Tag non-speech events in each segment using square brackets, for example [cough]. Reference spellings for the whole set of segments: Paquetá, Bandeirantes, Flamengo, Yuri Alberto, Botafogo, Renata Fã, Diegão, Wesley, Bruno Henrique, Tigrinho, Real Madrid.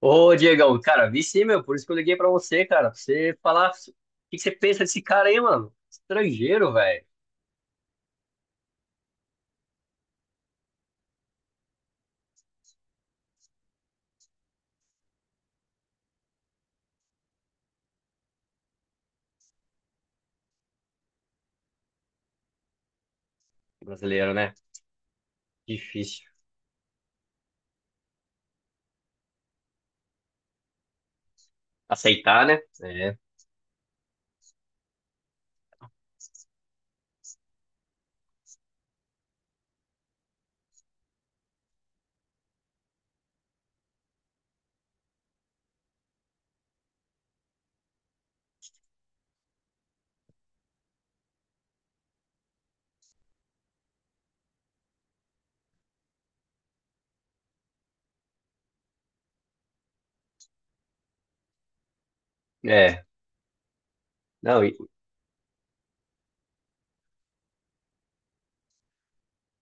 Ô, Diegão, cara, vi sim, meu, por isso que eu liguei pra você, cara, pra você falar o que que você pensa desse cara aí, mano? Estrangeiro, velho. Brasileiro, né? Difícil. Aceitar, né? É, é. Não,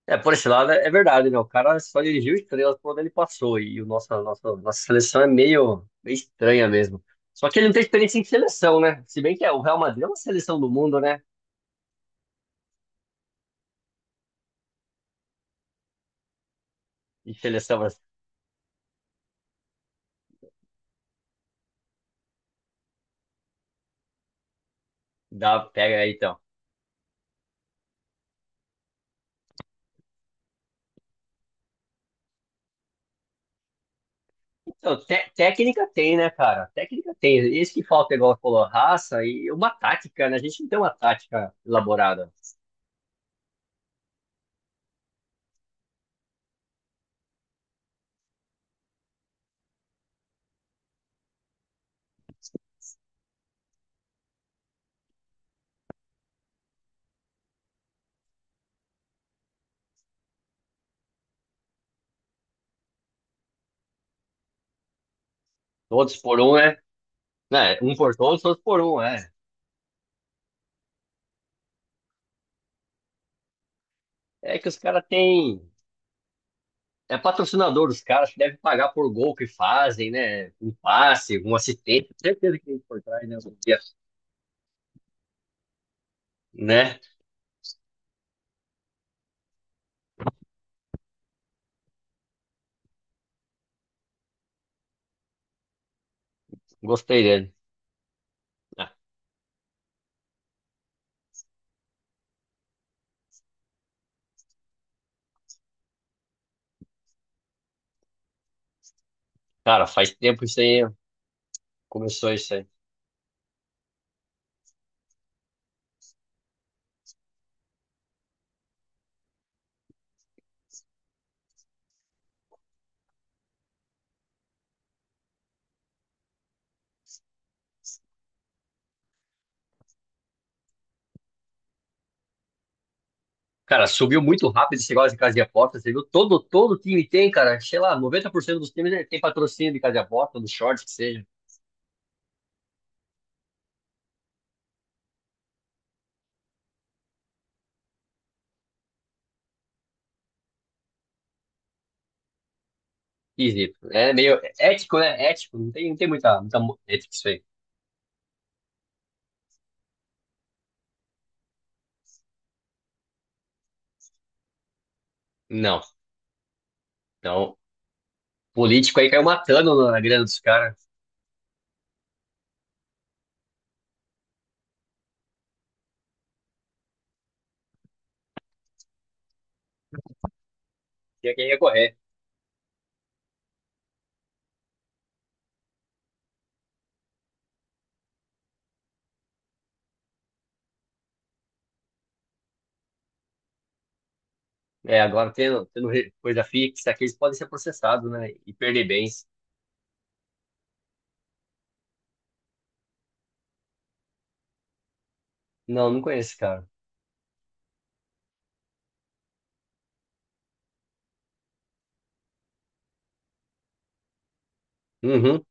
é, por esse lado é verdade, né? O cara só dirigiu estrelas por onde ele passou, e o nosso, a nossa seleção é meio estranha mesmo. Só que ele não tem experiência em seleção, né? Se bem que é, o Real Madrid é uma seleção do mundo, né? E seleção mas dá, pega aí, então. Não, técnica tem, né, cara? Técnica tem. Esse que falta, igual você falou, raça e uma tática, né? A gente não tem uma tática elaborada. Todos por um, né? Né, um por todos, todos por um, é. É que os caras têm. É patrocinador dos caras que deve pagar por gol que fazem, né? Um passe, um assistente. Certeza que tem por trás, né? Né? Gostei dele. Ah, cara, faz tempo isso aí. Começou isso aí. Cara, subiu muito rápido esse negócio de casa de aposta, você viu? Todo time tem, cara, sei lá, 90% dos times tem patrocínio de casa de aposta, dos shorts, que seja. Esquisito. É meio ético, né? Ético, não tem muita, ética isso aí. Não. Então, político aí caiu matando na grana dos caras. Tinha quem ia correr. É, agora tendo, coisa fixa aqui, eles podem ser processados, né? E perder bens. Não, não conheço cara. Uhum,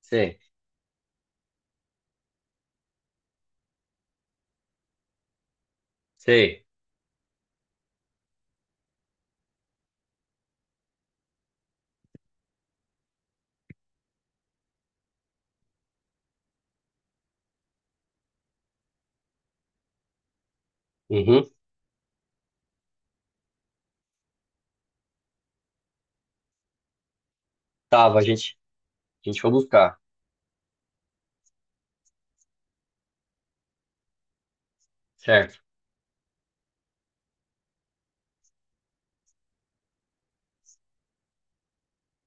sei, sei. Uhum, tava, a gente foi buscar, certo?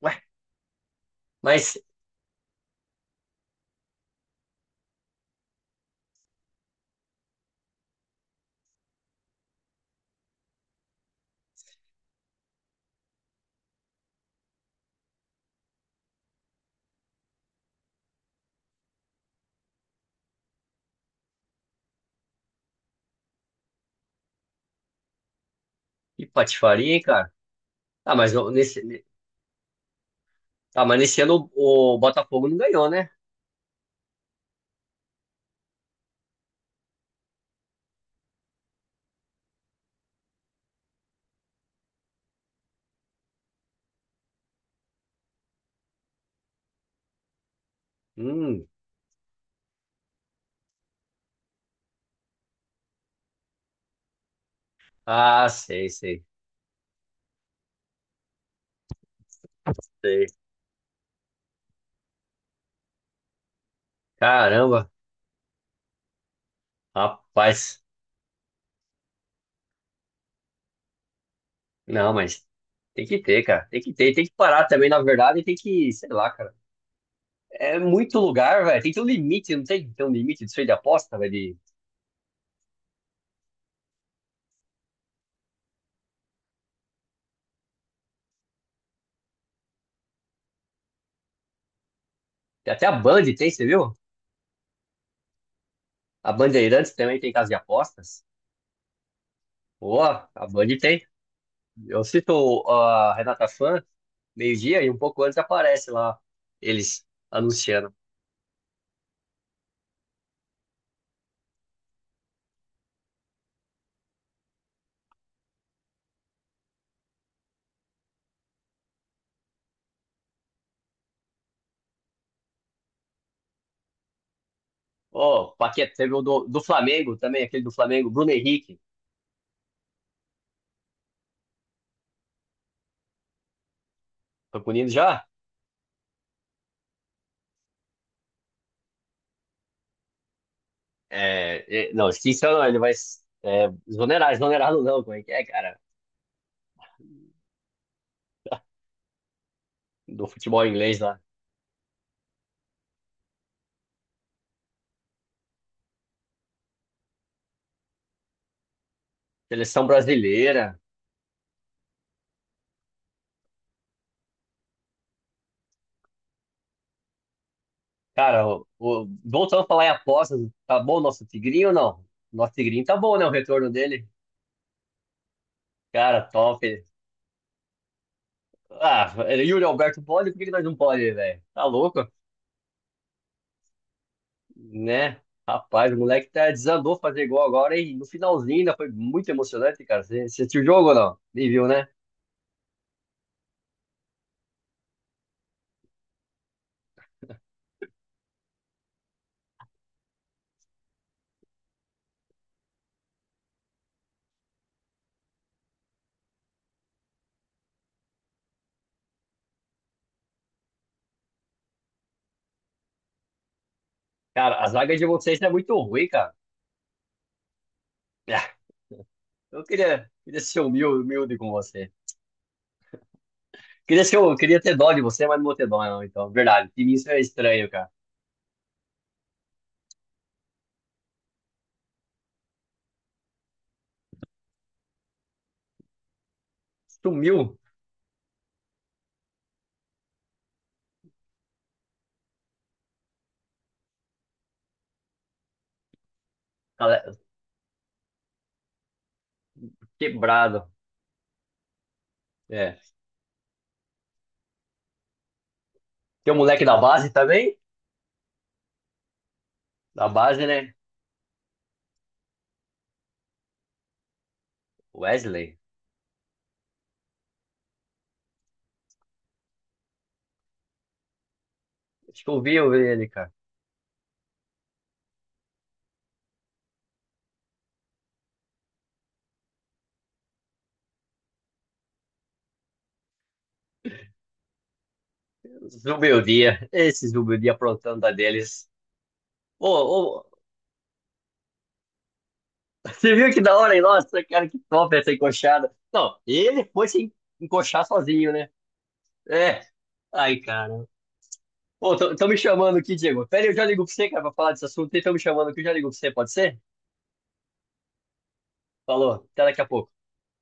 Ué, mas que patifaria, hein, cara? Ah, ah, mas nesse ano o Botafogo não ganhou, né? Hum, ah, sei, sei, sei. Caramba, rapaz. Não, mas tem que ter, cara. Tem que ter. Tem que parar também, na verdade, e tem que, sei lá, cara. É muito lugar, velho. Tem que ter um limite, não tem que ter um limite disso aí de aposta, velho. Tem até a Band tem, você viu? A Bandeirantes também tem casa de apostas. Pô, a Band tem. Eu cito a Renata Fã, meio-dia e um pouco antes aparece lá eles anunciando. Ó, Paquetá, teve o do, do Flamengo também, aquele do Flamengo, Bruno Henrique. Tô punindo já? Não, extinção não, ele vai é, exonerar, exonerado não, como é que é, cara? [laughs] Do futebol inglês lá. Seleção brasileira. Cara, voltando a falar em apostas, tá bom o nosso Tigrinho ou não? Nosso Tigrinho tá bom, né? O retorno dele. Cara, top. Ah, Yuri Alberto pode, por que que nós não pode, velho? Tá louco? Né? Rapaz, o moleque tá, desandou fazer gol agora e no finalzinho ainda foi muito emocionante, cara. Você assistiu o jogo ou não? Nem viu, né? Cara, a zaga de vocês é muito ruim, cara. Ah, eu queria, queria ser humilde, humilde com você. Queria ser, eu queria ter dó de você, mas não vou ter dó, não, então. Verdade, time isso é estranho, cara. Sumiu, cara, quebrado. É. Tem um moleque da base também? Da base, né? Wesley. Acho que eu vi ele, cara. Zumbi o dia. Esses zumbi o dia aprontando a deles. Ô, ô, você viu que da hora, hein? Nossa, cara, que top essa encoxada. Não, ele foi se encoxar sozinho, né? É. Ai, cara. Pô, tão me chamando aqui, Diego. Pera aí, eu já ligo pra você, cara, pra falar desse assunto. Estão me chamando aqui, eu já ligo pra você, pode ser? Falou, até daqui a pouco.